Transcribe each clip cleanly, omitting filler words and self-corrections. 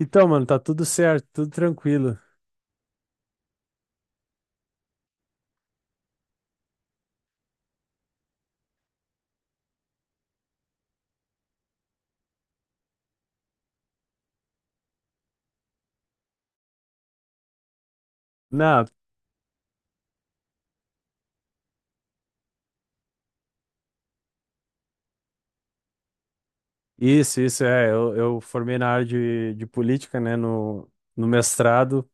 Então, mano, tá tudo certo, tudo tranquilo. Não, isso, é. Eu formei na área de política, né, no mestrado.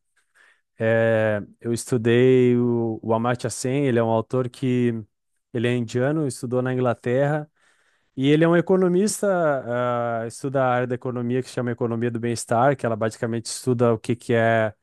É, eu estudei o Amartya Sen, ele é um autor que, ele é indiano, estudou na Inglaterra, e ele é um economista, estuda a área da economia que se chama Economia do Bem-Estar, que ela basicamente estuda o que que é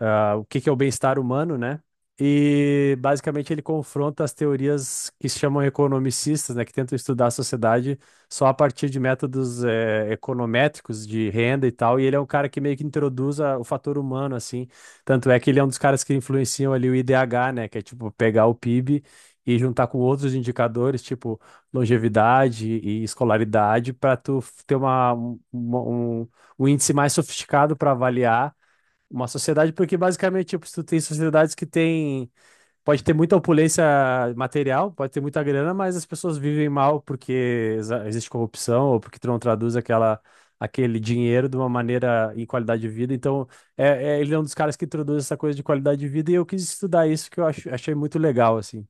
ah, o que que é o bem-estar humano, né? E basicamente ele confronta as teorias que se chamam economicistas, né, que tentam estudar a sociedade só a partir de métodos econométricos de renda e tal. E ele é um cara que meio que introduz o fator humano, assim. Tanto é que ele é um dos caras que influenciam ali o IDH, né, que é tipo pegar o PIB e juntar com outros indicadores, tipo longevidade e escolaridade, para tu ter uma, um, um um índice mais sofisticado para avaliar uma sociedade, porque basicamente, tipo, se tu tem sociedades que tem. Pode ter muita opulência material, pode ter muita grana, mas as pessoas vivem mal porque existe corrupção ou porque tu não traduz aquele dinheiro de uma maneira em qualidade de vida. Então, ele é um dos caras que introduz essa coisa de qualidade de vida e eu quis estudar isso que achei muito legal, assim.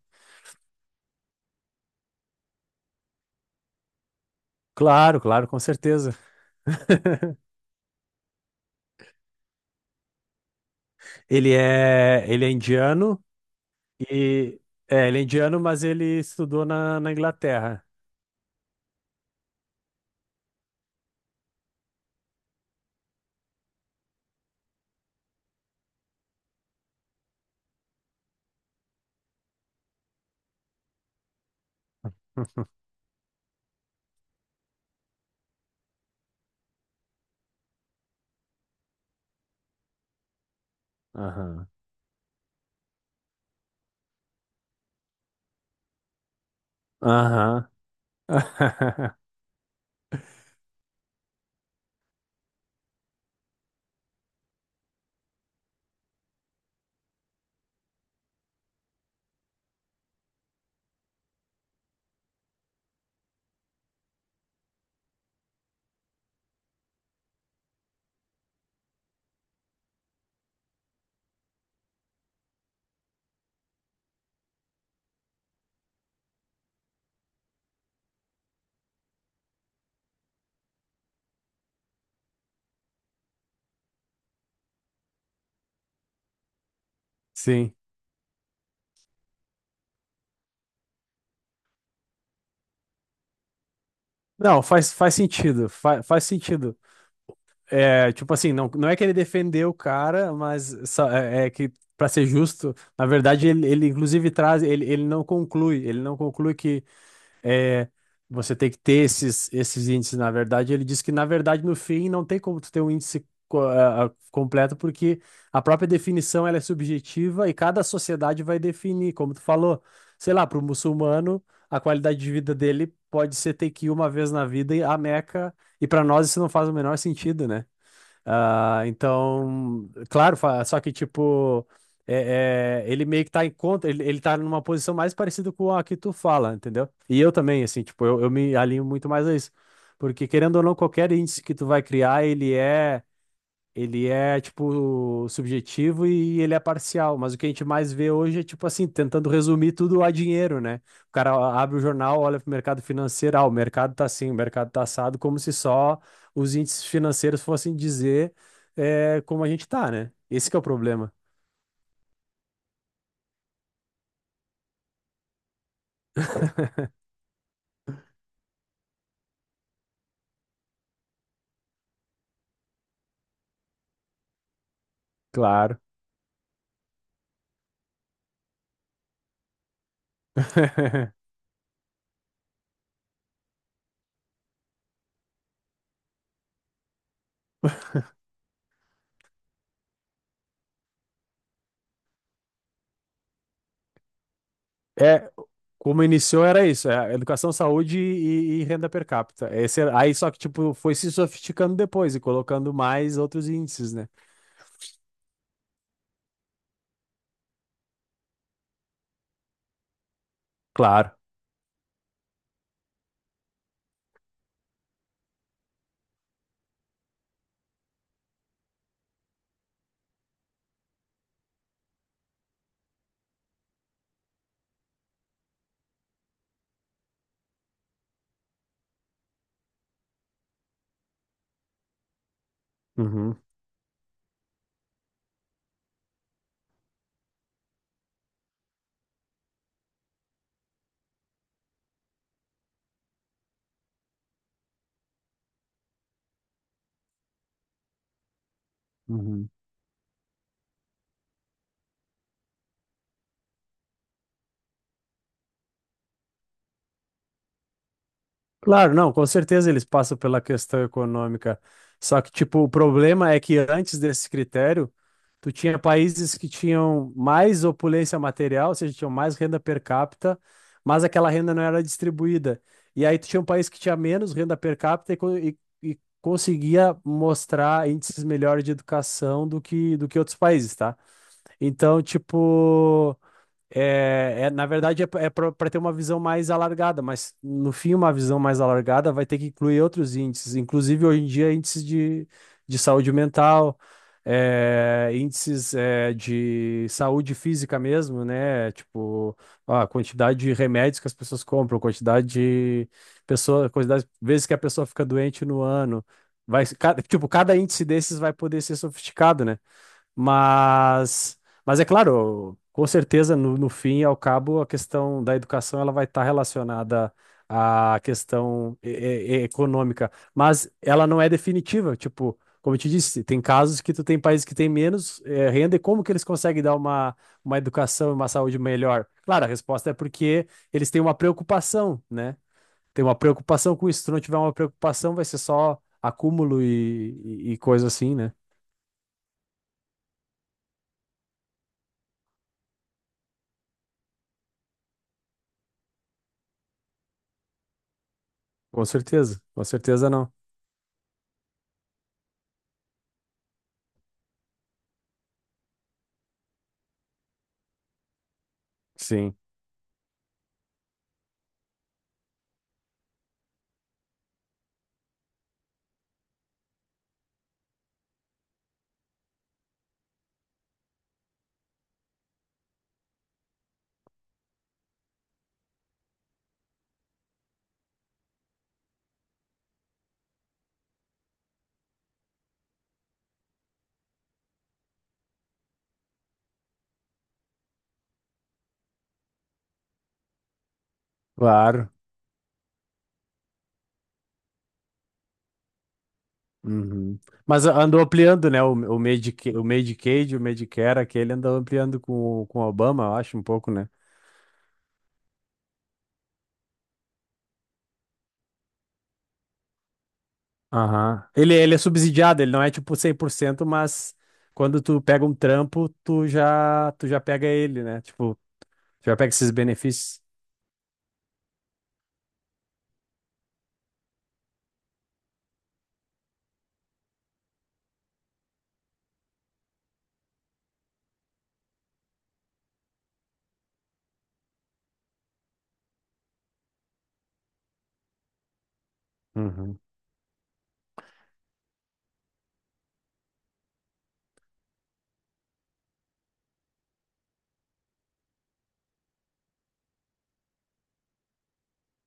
Claro, claro, com certeza. Ele é indiano e. É, ele é indiano, mas ele estudou na Inglaterra. Aham. Aham. Sim. Não, faz sentido. Faz sentido. É, tipo assim, não, não é que ele defendeu o cara, mas é que, pra ser justo, na verdade, ele inclusive traz, ele não conclui, ele não conclui que é, você tem que ter esses índices, na verdade. Ele diz que, na verdade, no fim, não tem como tu ter um índice completo, porque a própria definição ela é subjetiva e cada sociedade vai definir, como tu falou. Sei lá, para o muçulmano, a qualidade de vida dele pode ser ter que ir uma vez na vida à Meca, e para nós isso não faz o menor sentido, né? Ah, então, claro, só que tipo, ele meio que tá em conta, ele tá numa posição mais parecida com a que tu fala, entendeu? E eu também, assim, tipo, eu me alinho muito mais a isso. Porque querendo ou não, qualquer índice que tu vai criar, ele é. Ele é, tipo, subjetivo e ele é parcial. Mas o que a gente mais vê hoje é, tipo assim, tentando resumir tudo a dinheiro, né? O cara abre o jornal, olha para o mercado financeiro, o mercado tá assim, o mercado tá assado, como se só os índices financeiros fossem dizer como a gente tá, né? Esse que é o problema. Claro. É, como iniciou era isso, é, educação, saúde e renda per capita. Aí só que, tipo, foi se sofisticando depois e colocando mais outros índices, né? Claro. Uhum. Uhum. Claro, não, com certeza eles passam pela questão econômica. Só que, tipo, o problema é que antes desse critério, tu tinha países que tinham mais opulência material, ou seja, tinham mais renda per capita, mas aquela renda não era distribuída. E aí tu tinha um país que tinha menos renda per capita e conseguia mostrar índices melhores de educação do que outros países, tá? Então, tipo. Na verdade, é para ter uma visão mais alargada, mas no fim, uma visão mais alargada vai ter que incluir outros índices, inclusive hoje em dia, índices de saúde mental, índices de saúde física mesmo, né? Tipo, ó, a quantidade de remédios que as pessoas compram, quantidade de pessoa, quantidade de vezes que a pessoa fica doente no ano. Vai, cada índice desses vai poder ser sofisticado, né? Mas, mas é claro, com certeza, no fim e ao cabo, a questão da educação ela vai estar relacionada à questão econômica, mas ela não é definitiva. Tipo, como eu te disse, tem casos que tu tem países que têm menos renda e como que eles conseguem dar uma educação e uma saúde melhor? Claro, a resposta é porque eles têm uma preocupação, né? Tem uma preocupação com isso. Se tu não tiver uma preocupação, vai ser só acúmulo e coisa assim, né? Com certeza não. Sim, claro. Uhum. Mas andou ampliando, né? O Medicaid, o Medicare, aquele andou ampliando com o Obama, eu acho, um pouco, né? Aham. Ele é subsidiado, ele não é tipo 100% mas quando tu pega um trampo, tu já pega ele, né? Tipo, já pega esses benefícios? Uhum.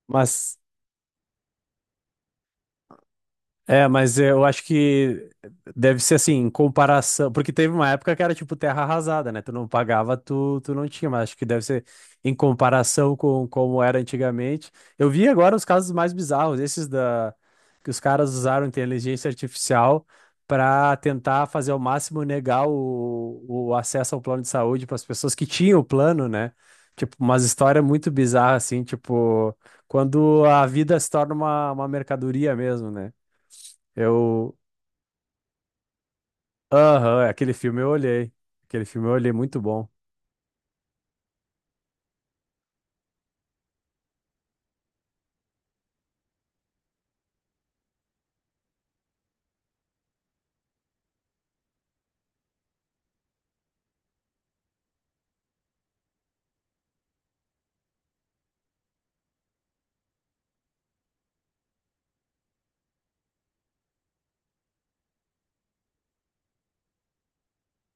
Mas mas eu acho que deve ser assim, em comparação. Porque teve uma época que era tipo terra arrasada, né? Tu não pagava, tu não tinha, mas acho que deve ser em comparação com como era antigamente. Eu vi agora os casos mais bizarros, esses da que os caras usaram inteligência artificial para tentar fazer ao máximo negar o acesso ao plano de saúde para as pessoas que tinham o plano, né? Tipo, umas histórias muito bizarras, assim, tipo, quando a vida se torna uma mercadoria mesmo, né? Eu. Aham, aquele filme eu olhei. Aquele filme eu olhei, muito bom.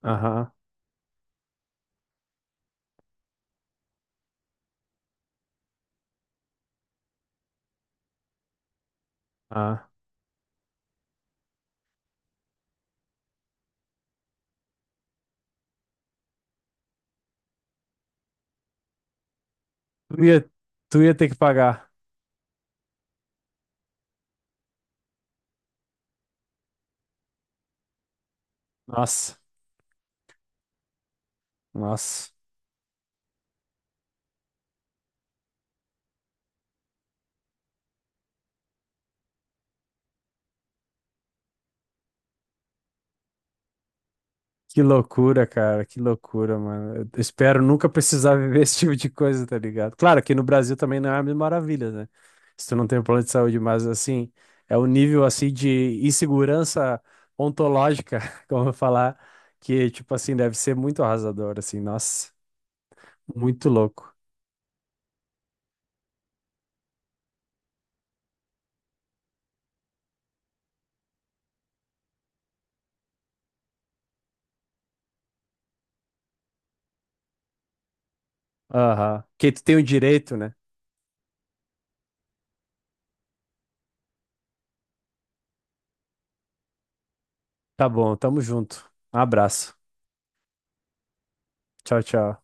Aham, ah. Tu ia, tu ia ter que pagar. Nossa, nossa. Que loucura, cara, que loucura, mano. Eu espero nunca precisar viver esse tipo de coisa, tá ligado? Claro, que no Brasil também não é a mil maravilhas, né? Se tu não tem um plano de saúde, mas assim, é o nível assim de insegurança ontológica, como eu falar, que tipo assim, deve ser muito arrasador, assim, nossa, muito louco. Aham. Que tu tem o direito, né? Tá bom, tamo junto. Um abraço. Tchau, tchau.